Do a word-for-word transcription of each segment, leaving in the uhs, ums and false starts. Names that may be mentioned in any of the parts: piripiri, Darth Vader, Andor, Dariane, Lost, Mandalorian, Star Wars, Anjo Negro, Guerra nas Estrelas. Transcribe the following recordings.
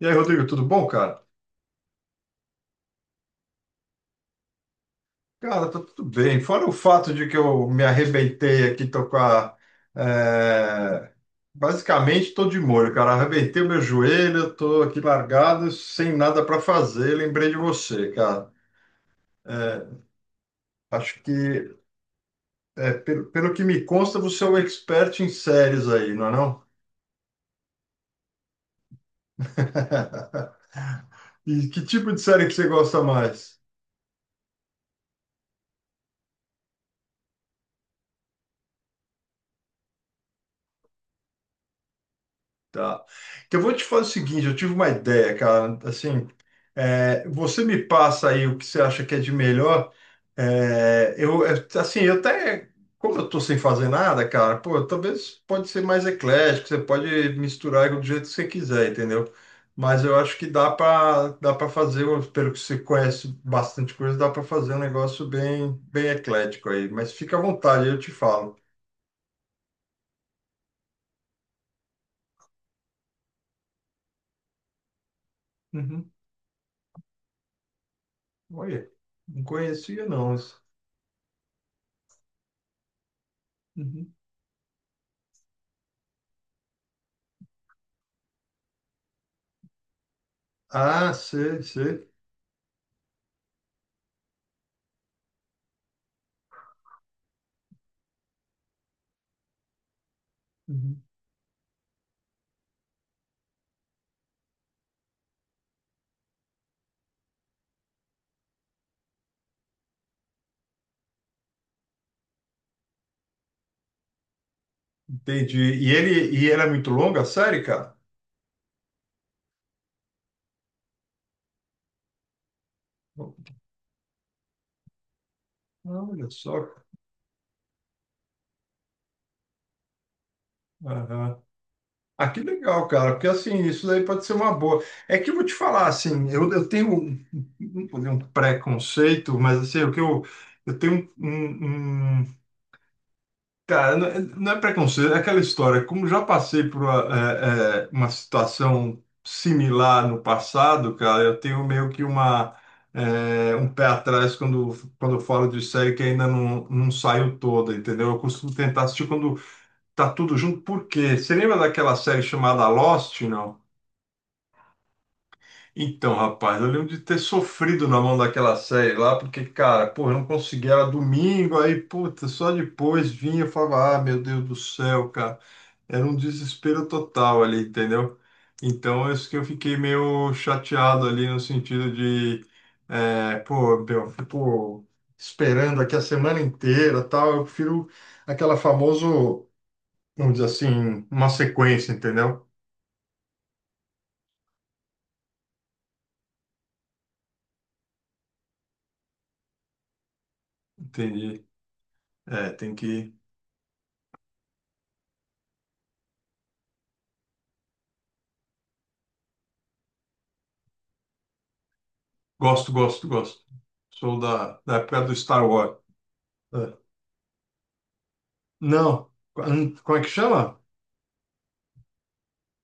E aí, Rodrigo, tudo bom, cara? Cara, tá tudo bem. Fora o fato de que eu me arrebentei aqui. Tô com a. é, Basicamente, tô de molho, cara. Arrebentei o meu joelho, tô aqui largado, sem nada para fazer. Lembrei de você, cara. É, acho que, é, pelo, pelo que me consta, você é um expert em séries aí, não é não? E que tipo de série que você gosta mais? Tá. Então, eu vou te fazer o seguinte, eu tive uma ideia, cara, assim, é, você me passa aí o que você acha que é de melhor, é, eu, é, assim, eu até, como eu tô sem fazer nada, cara, pô, talvez pode ser mais eclético, você pode misturar do jeito que você quiser, entendeu? Mas eu acho que dá para dá para fazer, pelo que você conhece bastante coisa, dá para fazer um negócio bem, bem eclético aí, mas fica à vontade, eu te falo. Uhum. Olha, não conhecia não isso. Uhum. Ah, sei, sei. Uhum. Entendi. E ele, e ela é muito longa, a série, cara? Olha só, cara. Aham. Ah, que legal, cara, porque assim, isso daí pode ser uma boa. É que eu vou te falar, assim, eu, eu tenho um, um um um preconceito, mas assim, o que eu, eu tenho um, um- um Cara, não é não é preconceito, é aquela história. Como já passei por uma, é, é, uma situação similar no passado, cara, eu tenho meio que uma, é, um pé atrás quando, quando eu falo de série que ainda não, não saiu toda, entendeu? Eu costumo tentar assistir quando tá tudo junto, por quê? Você lembra daquela série chamada Lost, não? Então, rapaz, eu lembro de ter sofrido na mão daquela série lá, porque, cara, pô, eu não conseguia, era domingo, aí, puta, só depois vinha e falava, ah, meu Deus do céu, cara. Era um desespero total ali, entendeu? Então, é isso que eu fiquei meio chateado ali, no sentido de, é, pô, meu, pô, esperando aqui a semana inteira, tal, eu prefiro aquela famoso, vamos dizer assim, uma sequência, entendeu? Entendi. É, tem que Gosto, gosto, gosto. Sou da, da época do Star Wars. É. Não, hum, como é que chama?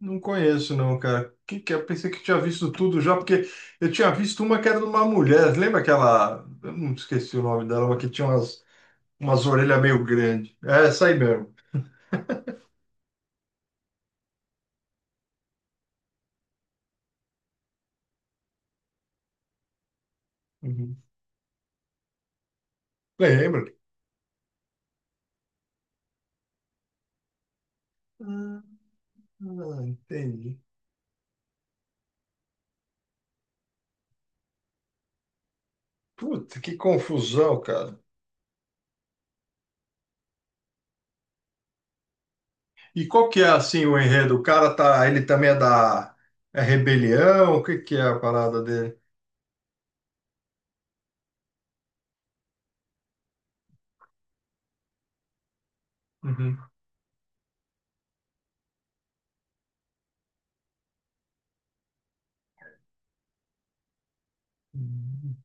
Não conheço, não, cara. Que que é? Eu pensei que tinha visto tudo já, porque eu tinha visto uma que era de uma mulher. Lembra aquela. Eu não esqueci o nome dela, mas que tinha umas, umas orelhas meio grandes. É essa aí mesmo. Uhum. Lembra? Ah, ah, entendi. Puta, que confusão, cara. E qual que é assim o enredo? O cara tá, ele também é da é rebelião? O que que é a parada dele? Uhum. Hum.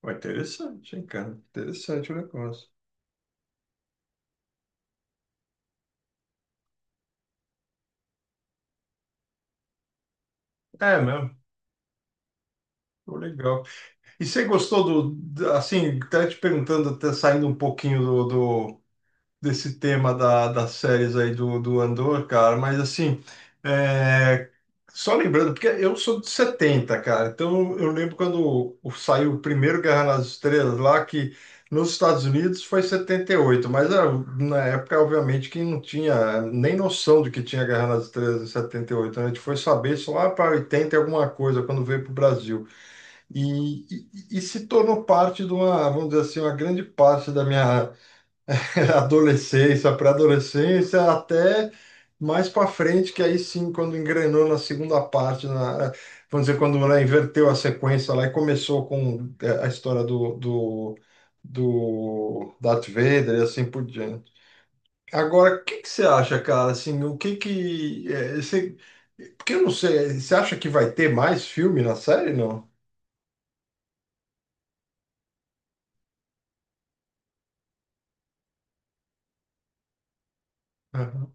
Pô, interessante, hein, cara? Interessante o negócio. É mesmo, pô, legal. E você gostou do, da- assim, até te perguntando, até saindo um pouquinho do, desse tema da, das séries aí do, do Andor, cara, mas assim, é, só lembrando, porque eu sou de setenta cara, então eu lembro quando o- saiu o primeiro Guerra nas Estrelas lá, que nos Estados Unidos foi setenta e oito mas ah, na época, obviamente, que não tinha nem noção de que tinha Guerra nas Estrelas em setenta e oito, né? A gente foi saber só lá para oitenta e alguma coisa, quando veio para o Brasil, e, e, e se tornou parte de uma, vamos dizer assim, uma grande parte da minha adolescência, pré-adolescência, até mais para frente, que aí sim, quando engrenou na segunda parte, na, vamos dizer, quando ela inverteu a sequência lá e começou com é, a história do, do, do Darth Vader e assim por diante. Agora, o que que você acha, cara? Assim, o que que... é, você, porque eu não sei, você acha que vai ter mais filme na série, não? Aham,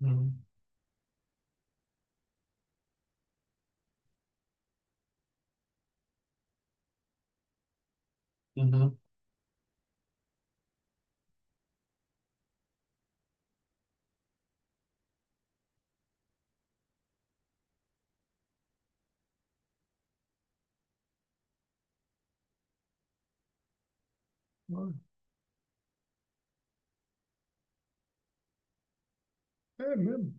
uhum, uhum. É mesmo?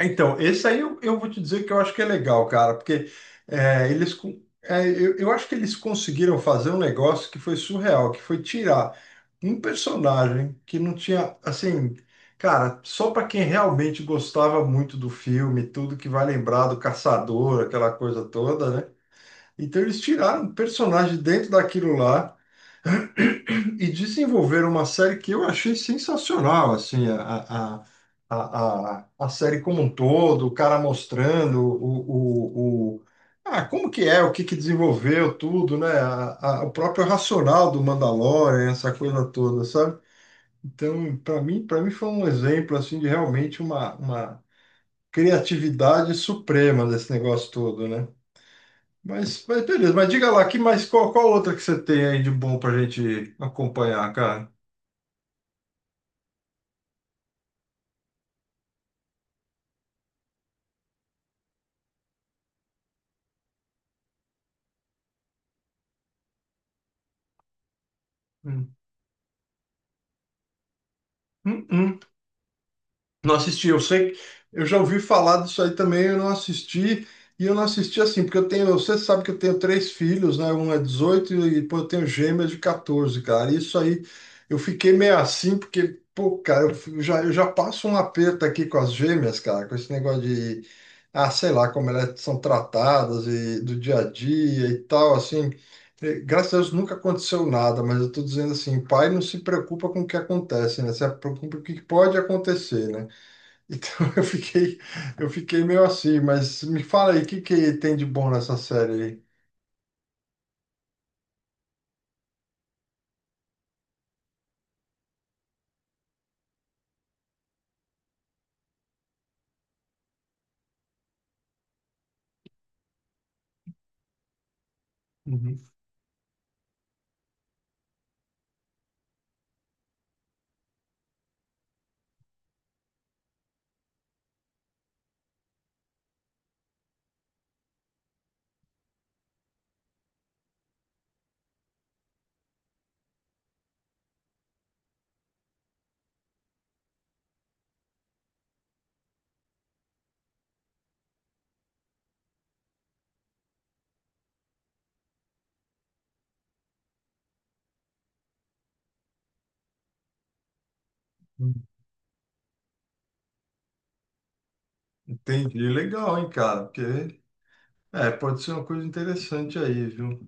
Então, esse aí eu, eu vou te dizer que eu acho que é legal, cara, porque é, eles, con- é, eu, eu acho que eles conseguiram fazer um negócio que foi surreal, que foi tirar um personagem que não tinha, assim, cara, só para quem realmente gostava muito do filme, tudo que vai lembrar do caçador, aquela coisa toda, né? Então eles tiraram um personagem dentro daquilo lá. E desenvolveram uma série que eu achei sensacional, assim, a, a, a, a, a série como um todo, o cara mostrando o, o, o- ah, como que é, o que que desenvolveu tudo, né? A, a- o próprio racional do Mandalorian, essa coisa toda, sabe? Então, para mim, para mim foi um exemplo, assim, de realmente uma, uma criatividade suprema desse negócio todo, né? Mas, mas beleza, mas diga lá, que mais, qual, qual outra que você tem aí de bom pra gente acompanhar, cara? Hum. Uhum. Não assisti, eu sei, eu já ouvi falar disso aí também, eu não assisti, e eu não assisti assim, porque eu tenho, você sabe que eu tenho três filhos, né? Um é dezoito e depois eu tenho gêmeas de quatorze, cara. Isso aí, eu fiquei meio assim, porque, pô, cara, eu fi- eu já, eu já passo um aperto aqui com as gêmeas, cara, com esse negócio de, ah, sei lá, como elas são tratadas e do dia a dia e tal, assim. Eh, Graças a Deus nunca aconteceu nada, mas eu tô dizendo assim, pai não se preocupa com o que acontece, né? Se preocupa com o que pode acontecer, né? Então eu fiquei, eu fiquei meio assim, mas me fala aí, o que que tem de bom nessa série aí? Uhum. Entendi, legal, hein, cara? Porque é, pode ser uma coisa interessante aí, viu?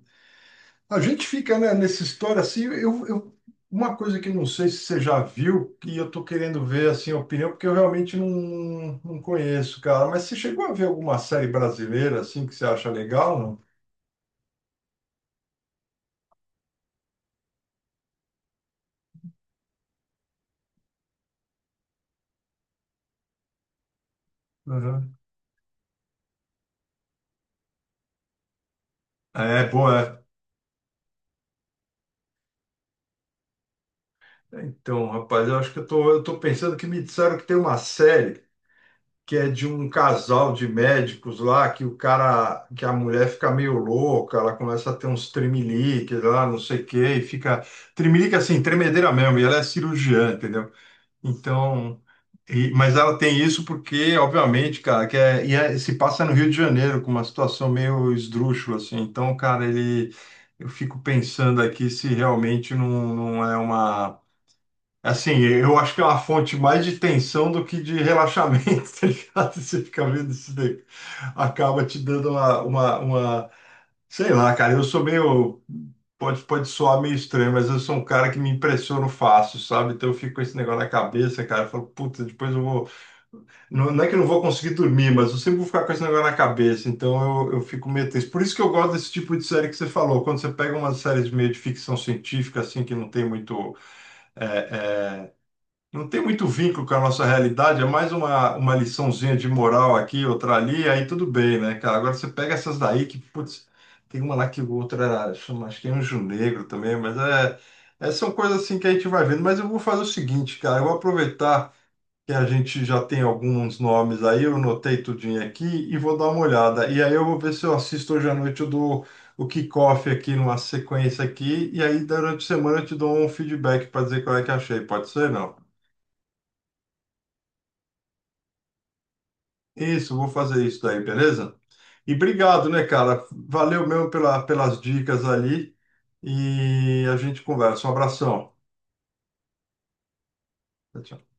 A gente fica, né, nessa história assim, eu, eu- uma coisa que não sei se você já viu, que eu tô querendo ver assim a opinião, porque eu realmente não, não conheço, cara. Mas você chegou a ver alguma série brasileira assim que você acha legal, não? Uhum. É, boa. É. Então, rapaz, eu acho que eu tô, eu tô, pensando que me disseram que tem uma série, que é de um casal de médicos lá, que o cara, que a mulher fica meio louca, ela começa a ter uns tremelique lá, não sei o quê, e fica tremelique assim, tremedeira mesmo, e ela é cirurgiã, entendeu? Então, e- mas ela tem isso porque, obviamente, cara, que é, e é- se passa no Rio de Janeiro com uma situação meio esdrúxula assim. Então, cara, ele eu fico pensando aqui se realmente não, não é uma. Assim, eu acho que é uma fonte mais de tensão do que de relaxamento, tá ligado? Você fica vendo isso daí, acaba te dando uma, uma, uma- sei lá, cara, eu sou meio... Pode, pode soar meio estranho, mas eu sou um cara que me impressiono fácil, sabe? Então eu fico com esse negócio na cabeça, cara, eu falo, puta, depois eu vou. Não, não é que eu não vou conseguir dormir, mas eu sempre vou ficar com esse negócio na cabeça, então eu, eu fico meio tenso. Por isso que eu gosto desse tipo de série que você falou, quando você pega umas séries meio de ficção científica, assim, que não tem muito é, não tem muito vínculo com a nossa realidade, é mais uma, uma, liçãozinha de moral aqui, outra ali, aí tudo bem, né, cara? Agora você pega essas daí que, putz, tem uma lá que o outro era, chama, acho que é Anjo Negro também, mas é, é, são coisas assim que a gente vai vendo. Mas eu vou fazer o seguinte, cara, eu vou aproveitar que a gente já tem alguns nomes aí, eu anotei tudinho aqui e vou dar uma olhada. E aí eu vou ver se eu assisto hoje à noite, eu dou o kickoff aqui numa sequência aqui, e aí durante a semana eu te dou um feedback para dizer qual é que achei, pode ser, não? Isso, vou fazer isso daí, beleza? E obrigado, né, cara? Valeu mesmo pela, pelas dicas ali. E a gente conversa. Um abração. Tchau, tchau.